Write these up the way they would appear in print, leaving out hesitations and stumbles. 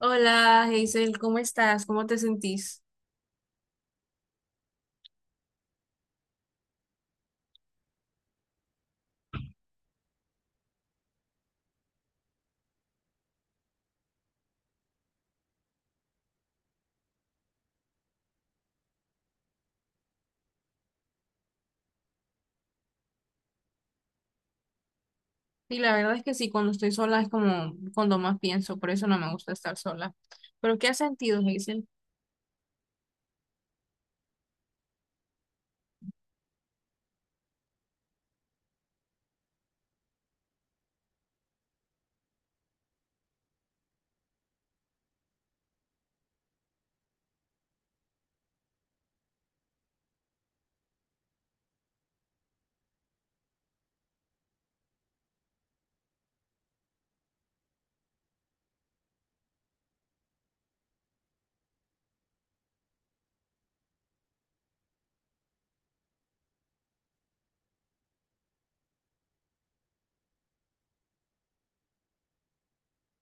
Hola, Hazel, ¿cómo estás? ¿Cómo te sentís? Sí, la verdad es que sí, cuando estoy sola es como cuando más pienso, por eso no me gusta estar sola. ¿Pero qué has sentido, Hazel?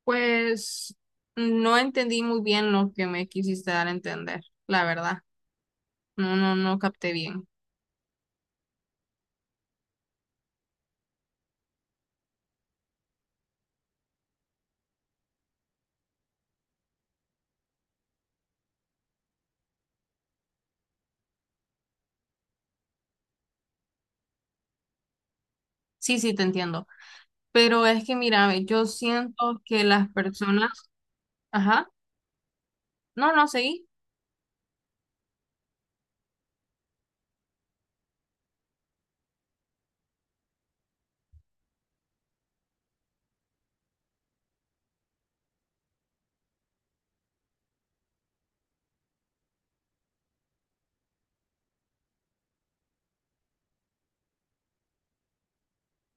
Pues no entendí muy bien lo que me quisiste dar a entender, la verdad. No, no, capté bien. Sí, sí, te entiendo. Pero es que mira, ve, yo siento que las personas, ajá, no, no, seguí.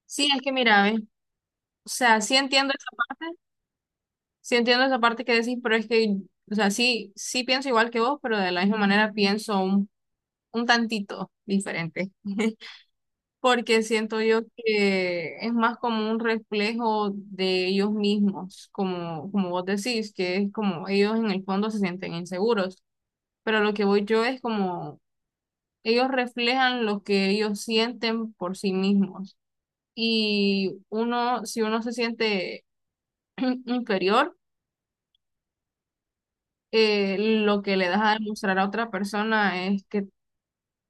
Sí, es que mira, ve, o sea, sí entiendo esa parte. Sí entiendo esa parte que decís, pero es que, o sea, sí, sí pienso igual que vos, pero de la misma manera pienso un tantito diferente, porque siento yo que es más como un reflejo de ellos mismos, como, como vos decís, que es como ellos en el fondo se sienten inseguros, pero lo que voy yo es como ellos reflejan lo que ellos sienten por sí mismos. Y uno, si uno se siente inferior, lo que le das a demostrar a otra persona es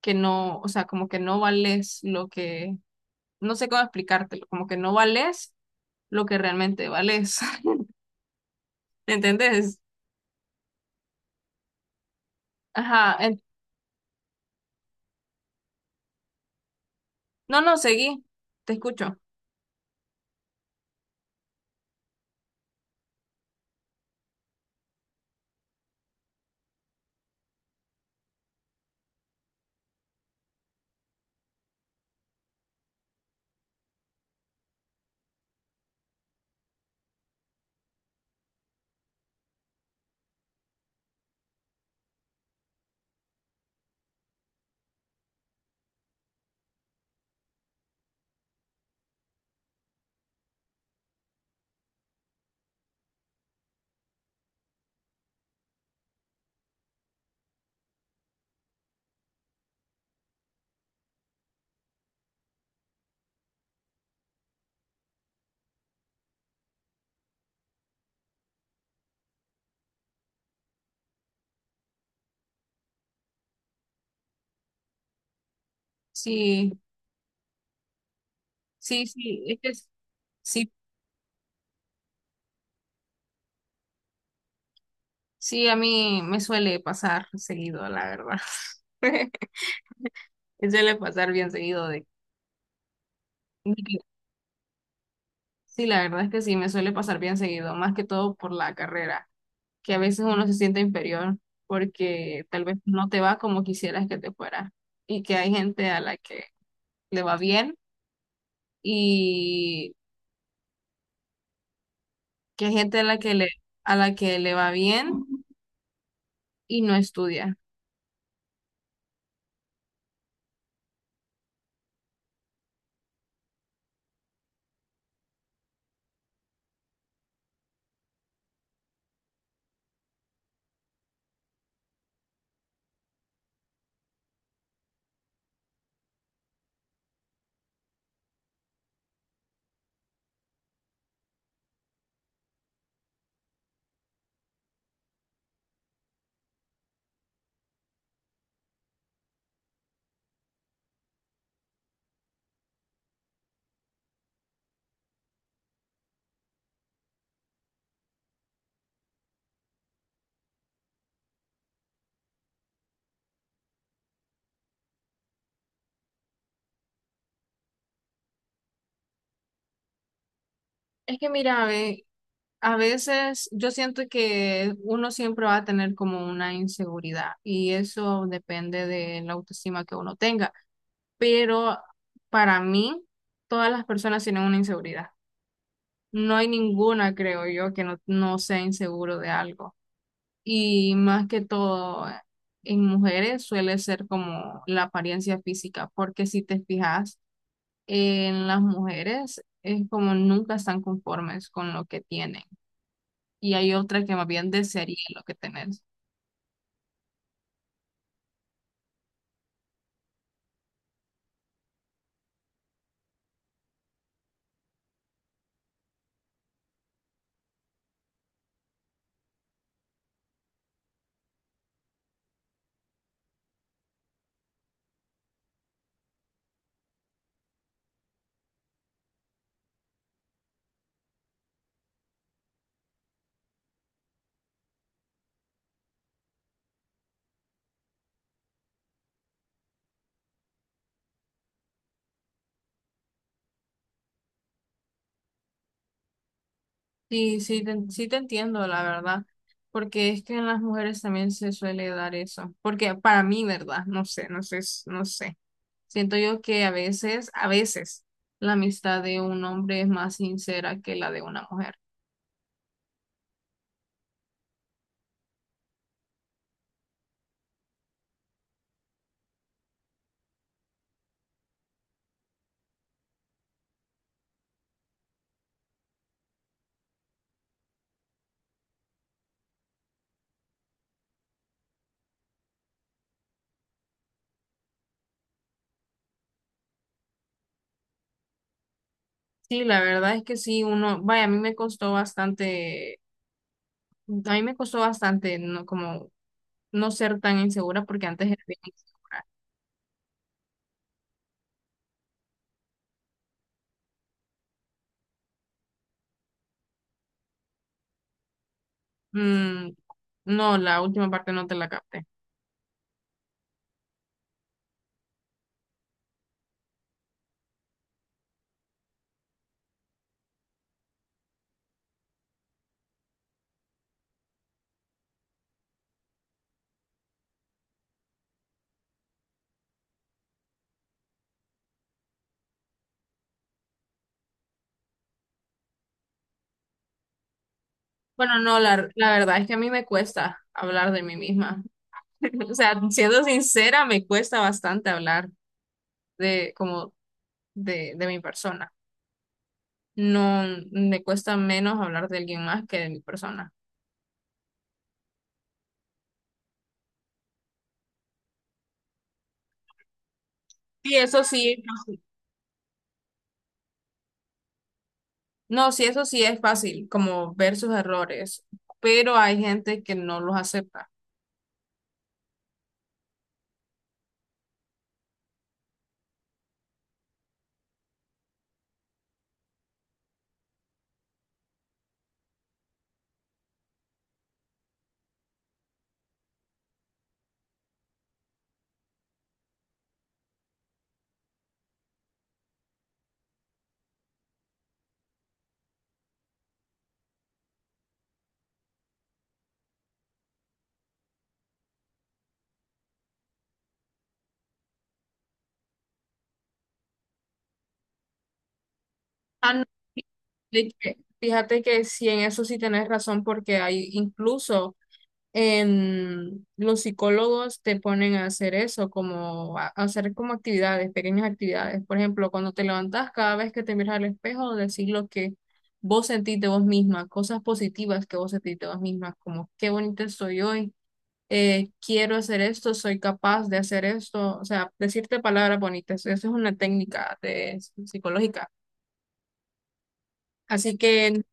que no, o sea, como que no vales lo que, no sé cómo explicártelo, como que no vales lo que realmente vales. ¿Entendés? Ajá. No, no, seguí. Te escucho. Sí, sí. Sí, sí, a mí me suele pasar seguido, la verdad. Me suele pasar bien seguido de... de que- Sí, la verdad es que sí, me suele pasar bien seguido, más que todo por la carrera. Que a veces uno se siente inferior porque tal vez no te va como quisieras que te fuera y que hay gente a la que le va bien y que hay gente a la que le, a la que le va bien y no estudia. Es que mira, a ve, a veces yo siento que uno siempre va a tener como una inseguridad y eso depende de la autoestima que uno tenga, pero para mí todas las personas tienen una inseguridad. No hay ninguna, creo yo, que no, no sea inseguro de algo. Y más que todo, en mujeres suele ser como la apariencia física, porque si te fijas en las mujeres, es como nunca están conformes con lo que tienen. Y hay otras que más bien desearían lo que tener. Sí, sí, sí te entiendo, la verdad, porque es que en las mujeres también se suele dar eso. Porque para mí, ¿verdad? No sé. Siento yo que a veces, la amistad de un hombre es más sincera que la de una mujer. Sí, la verdad es que sí, uno, vaya, a mí me costó bastante no, como no ser tan insegura porque antes era bien insegura. Mm, no, la última parte no te la capté. Bueno, no, la verdad es que a mí me cuesta hablar de mí misma. O sea, siendo sincera, me cuesta bastante hablar de como de mi persona. No me cuesta menos hablar de alguien más que de mi persona. Y eso sí, no, sí, eso sí es fácil, como ver sus errores, pero hay gente que no los acepta. Ah, no, fíjate que sí, en eso sí tenés razón, porque hay incluso los psicólogos te ponen a hacer eso, como a hacer como actividades, pequeñas actividades. Por ejemplo, cuando te levantas, cada vez que te miras al espejo, decir lo que vos sentís de vos misma, cosas positivas que vos sentís de vos misma, como qué bonita soy hoy, quiero hacer esto, soy capaz de hacer esto. O sea, decirte palabras bonitas. Eso es una técnica de, psicológica. Así que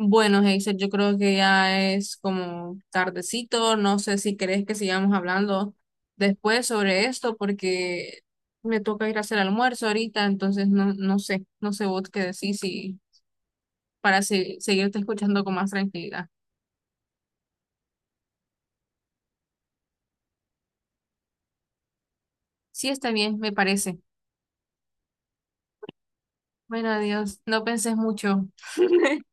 bueno, Hazel, yo creo que ya es como tardecito. No sé si querés que sigamos hablando después sobre esto, porque me toca ir a hacer almuerzo ahorita, entonces no, no sé, no sé vos qué decís si, seguirte escuchando con más tranquilidad. Sí, está bien, me parece. Bueno, adiós. No pensés mucho.